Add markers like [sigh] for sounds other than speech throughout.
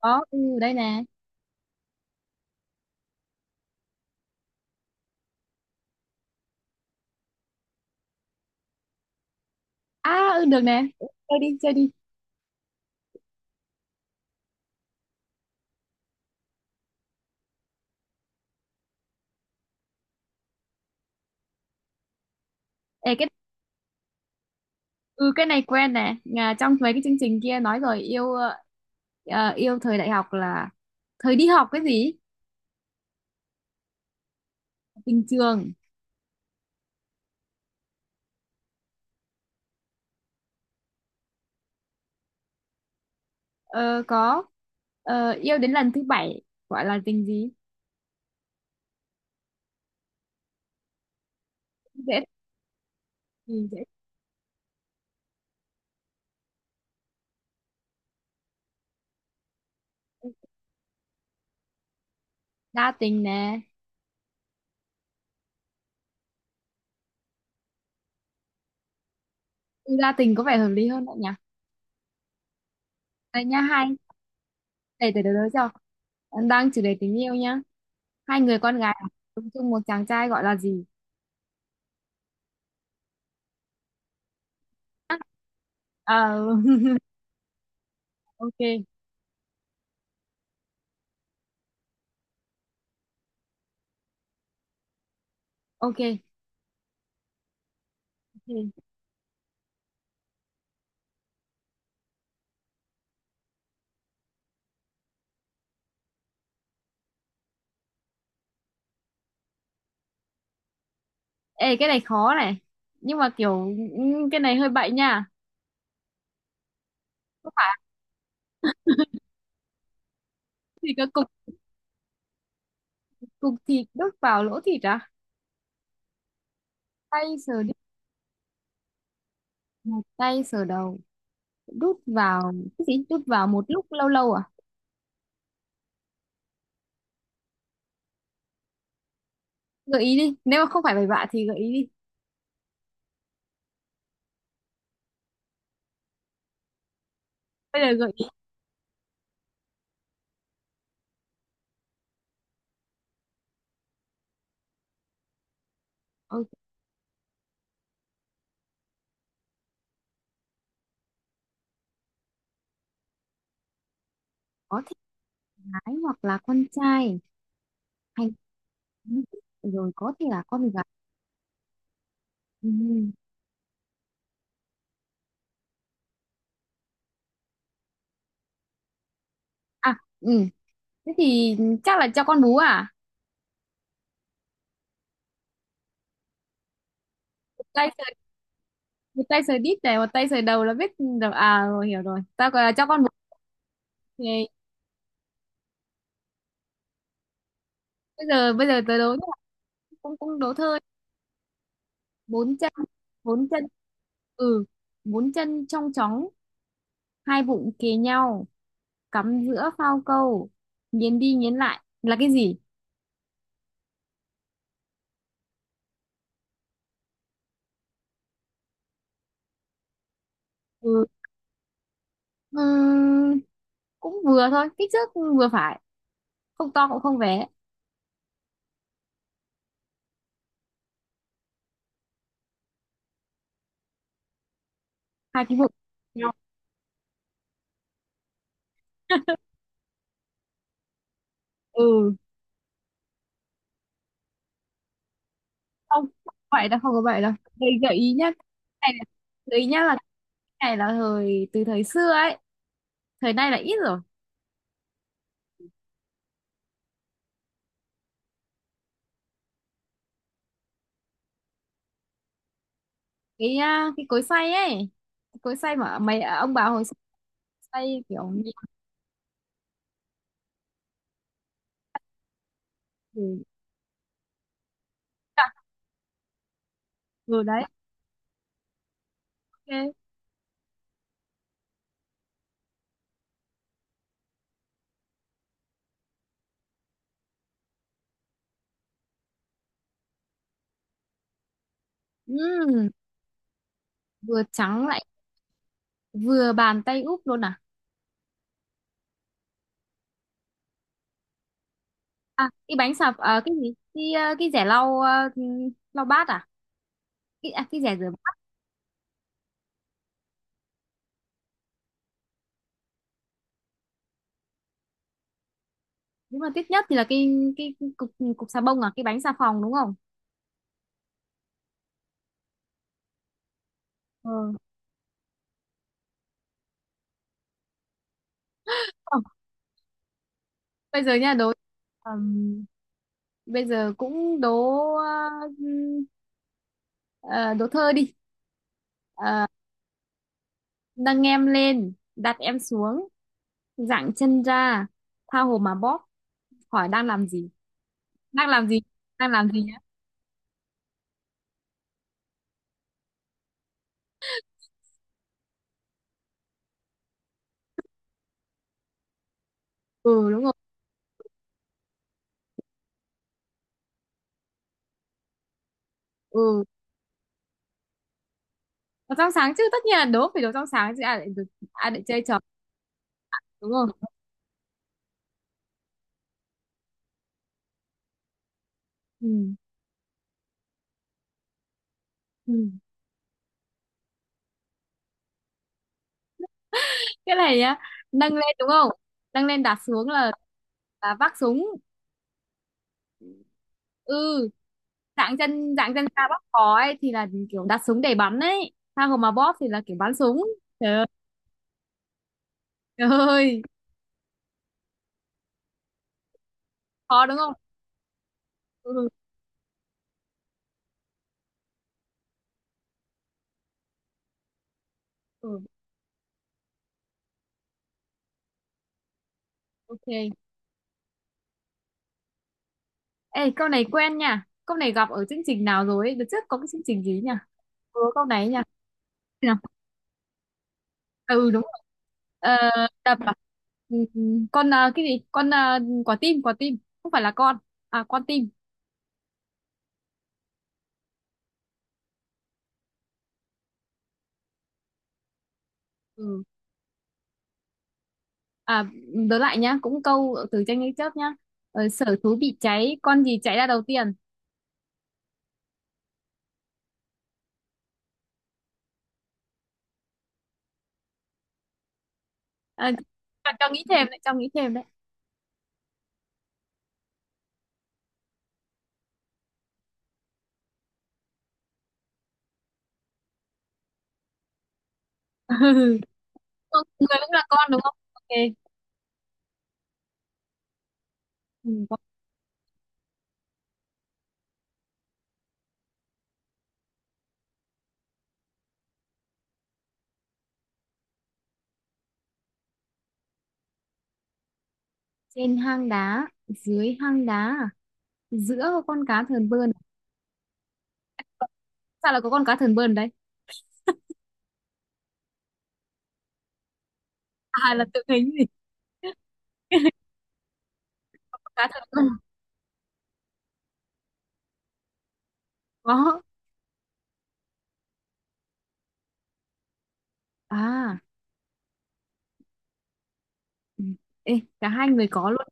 Có, ừ, đây nè. À, ừ, được nè. Chơi đi, chơi đi. Ê, cái... ừ, cái này quen nè. Nhà, trong mấy cái chương trình kia nói rồi. Yêu yêu thời đại học là thời đi học cái gì? Tình trường. Ờ, có. Ờ, yêu đến lần thứ bảy gọi là tình gì? Dễ. Ừ, dễ. Đa tình nè. Ừ, đa tình có vẻ hợp lý hơn đấy nhỉ. Đây nha, hai... để đối cho. Đang chủ đề tình yêu nhá. Hai người con gái ở chung một chàng trai gọi là gì? Ờ, [laughs] ok. Ok. Ừ. Ê, cái này khó này. Nhưng mà kiểu, ừ, cái này hơi bậy nha. Có phải thì cái cục, cục thịt đút vào lỗ thịt à? Tay sờ đi, một tay sờ đầu, đút vào cái gì, đút vào một lúc lâu lâu à? Gợi ý đi, nếu mà không phải bậy bạ thì gợi ý đi. Bây giờ gợi ý. Ừ, có thể gái hoặc là con trai. Hay rồi, có thể là con gái. Ừ. À, ừ, thế thì chắc là cho con bú à. Tay một tay sờ đít này, một tay sờ đầu là biết được à. Rồi hiểu rồi, tao gọi là cho con bốn thì. Bây giờ, bây giờ tớ đố nhá. Cũng cũng đố thôi. Bốn chân. Bốn chân. Ừ, bốn chân trong chóng, hai bụng kề nhau, cắm giữa phao câu, nghiến đi nghiến lại là cái gì? Ừ. Ừm, cũng vừa thôi, kích thước vừa phải, không to cũng không bé. Hai cái bụng. Nhau. Ừ, không, không vậy đâu, không có vậy đâu. Đây, gợi ý nhá. cái này là- Gợi ý nhá, là cái này là thời, từ thời xưa ấy, thời nay là ít rồi. Cái, à, cái cối xay ấy. Cái cối xay mà mày ông bà hồi xưa xay kiểu nhiều thì... vừa đấy. Ok. Ừm, vừa trắng lại, vừa bàn tay úp luôn à? À, cái bánh xà, à, cái gì, cái, à, cái rẻ lau, à, lau bát à, cái, à, cái rẻ rửa bát. Đúng là tiếc nhất thì là cái cục, cục xà bông, à, cái bánh xà phòng đúng không? Ừ. Ờ, bây giờ nha, đố. ừm, Bây giờ cũng đố, ừm, đố thơ đi. Ờ, nâng em lên, đặt em xuống, dạng chân ra, tha hồ mà bóp, hỏi đang làm gì? Đang làm gì? Đang làm gì nhá? Ừ, đúng rồi. Ừ. Đồ trong sáng chứ, tất nhiên là đố phải đồ trong sáng chứ, ai lại được, ai lại chơi trò. Đúng không? Ừ. Ừ. Cái này nhá, nâng lên đúng không? Nâng lên đặt xuống là vác súng. Ừ, dạng chân, dạng chân ra bóp cò ấy thì là kiểu đặt súng để bắn ấy. Tha hồ mà bóp thì là kiểu bắn súng. Trời ơi, trời ơi. Khó đúng không? Ừ. Ừ. Ok. Ê, câu này quen nha. Câu này gặp ở chương trình nào rồi ấy? Đợt trước có cái chương trình gì nhỉ? Ừ, câu này ấy nhỉ? Thế nào? À, ừ, đúng rồi. Ờ, tập à? Ừ, ừ. Con à, cái gì? Con à, quả tim, quả tim. Không phải là con. À, con tim. Ừ. À, đớ lại nhá. Cũng câu từ tranh lấy chớp nhá. Ờ, sở thú bị cháy, con gì chạy ra đầu tiên? Ờ, à, cho nghĩ thêm đấy, cho nghĩ thêm đấy. [laughs] Con- người cũng là con đúng không? Ok. Ừ, con-. Trên hang đá, dưới hang đá, à? Giữa con cá thờn bơn. Sao lại có con cá thần bơn đấy? [laughs] À, là tượng hình gì? Con cá thần bơn. Có. À, ừ. Ê, cả hai người có luôn.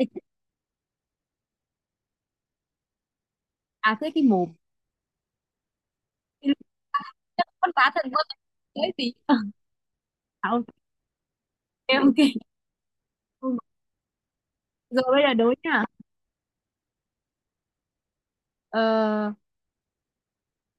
Ê, à, thế cái mồm. Cái... Con cá thần bơn đấy, gì? [laughs] À, ok. Ok. Ừ. Rồi bây giờ đối nhá. Ờ,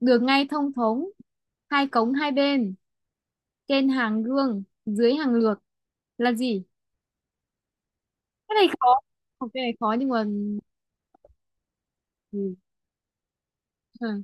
đường ngay thông thống, hai cống hai bên, trên hàng gương dưới hàng lược, là gì? Cái này khó. Không, cái này khó nhưng mà... Ừ. Ừ.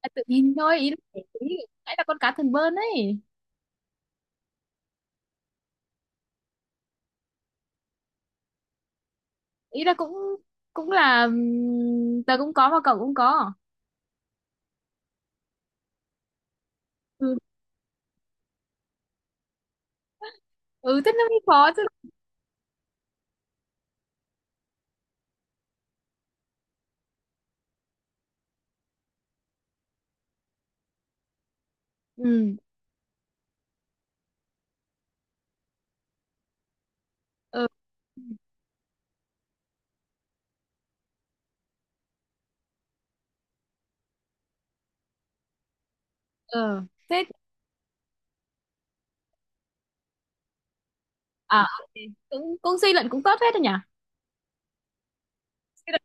À, tự nhiên thôi, ý là phải- ý- nãy là con cá thần bơn ấy. Ý là cũng, cũng là, tớ cũng có mà cậu cũng có. Ừ. Ừ, thế nó mới khó chứ. Ừ. Ừ, ừ, thế à. Ok. Cũng, cũng suy luận cũng tốt hết rồi nhỉ. Suy luận.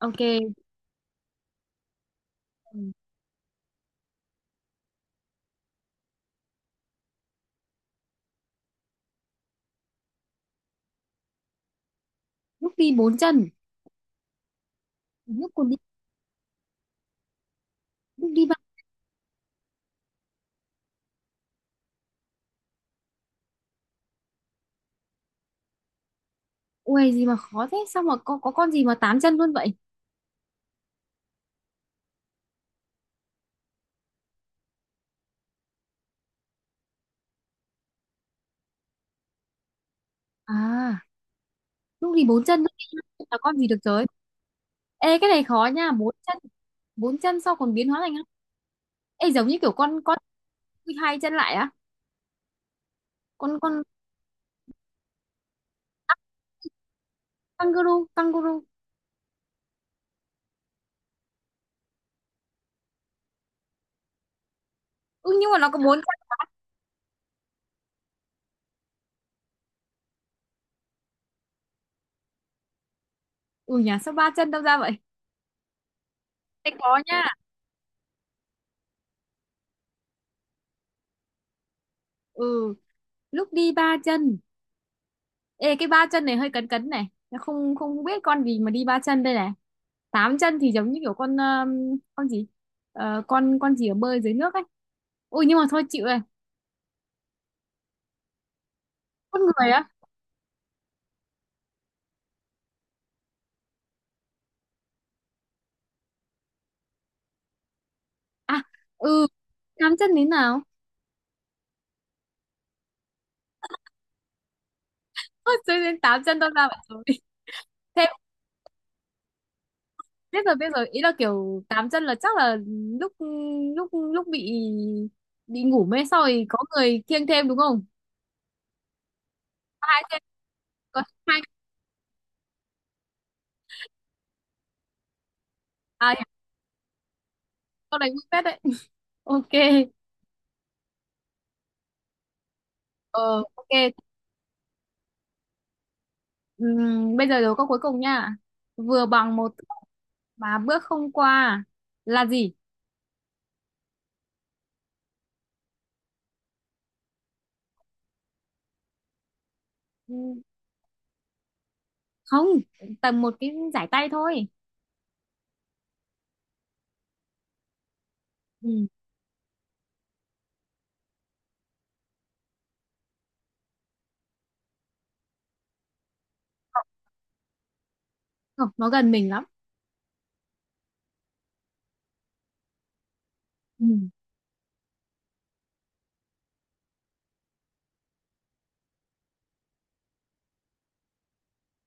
Ok. Ừ. Lúc đi bốn chân. Lúc còn đi. Lúc đi ba. Ui, gì mà khó thế, sao mà có con gì mà tám chân luôn vậy. À, lúc đi bốn chân, lúc đi năm chân là con gì được rồi. Ê, cái này khó nha. Bốn chân. Bốn chân sau còn biến hóa thành hai- Ê, giống như kiểu con hai chân lại á. Con kangaroo, kangaroo. Ừ, nhưng mà nó có bốn. Ừ nhỉ, sao ba chân đâu ra vậy? Thế có nha. Ừ, lúc đi ba chân. Ê, cái ba chân này hơi cấn cấn này. Nó không, không biết con gì mà đi ba chân đây này. Tám chân thì giống như kiểu con, con gì. Ờ, con gì ở bơi dưới nước ấy. Ui, nhưng mà thôi chịu rồi. Con người á? À, ừ. Tám chân thế nào? [laughs] Ôi, tự... Tám chân đâu ra vậy rồi? [laughs] Thế. Biết rồi, biết rồi, ý là kiểu tám chân là chắc là lúc, lúc lúc bị ngủ mê xong rồi có người kiêng thêm đúng không? Có hai thêm. Có hai. À, câu đánh phết đấy. Ok. Ờ, ok. Bây giờ đố câu cuối cùng nha. Vừa bằng một thước, mà bước không qua, là gì? Ừm, không, tầm một cái giải tay thôi. Ừm, không, nó gần mình lắm. Ừm,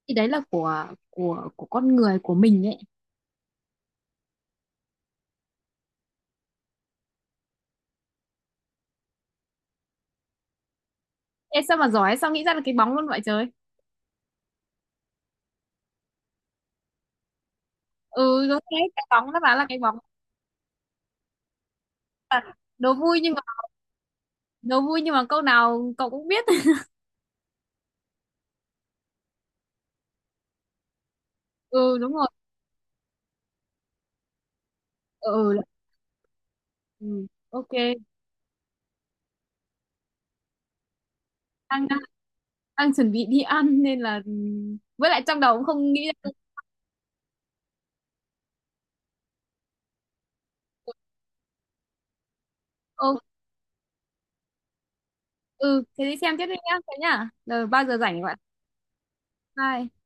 thì đấy là của con người của mình ấy. Ê, sao mà giỏi, sao nghĩ ra được cái bóng luôn vậy trời. Ừ, đúng thế, cái bóng, nó bảo là cái bóng. Đố vui nhưng mà... đố vui nhưng mà câu nào cậu cũng biết. [laughs] Ừ, đúng rồi. Ừ, ừ. Ừ. Ok. Đang, đang, đang chuẩn bị đi ăn nên là, với lại trong đầu cũng không nghĩ ra. Ừ, ừ, thế đi xem tiếp đi nhá, thế nhá, rồi bao giờ rảnh thì gọi lại. Bye.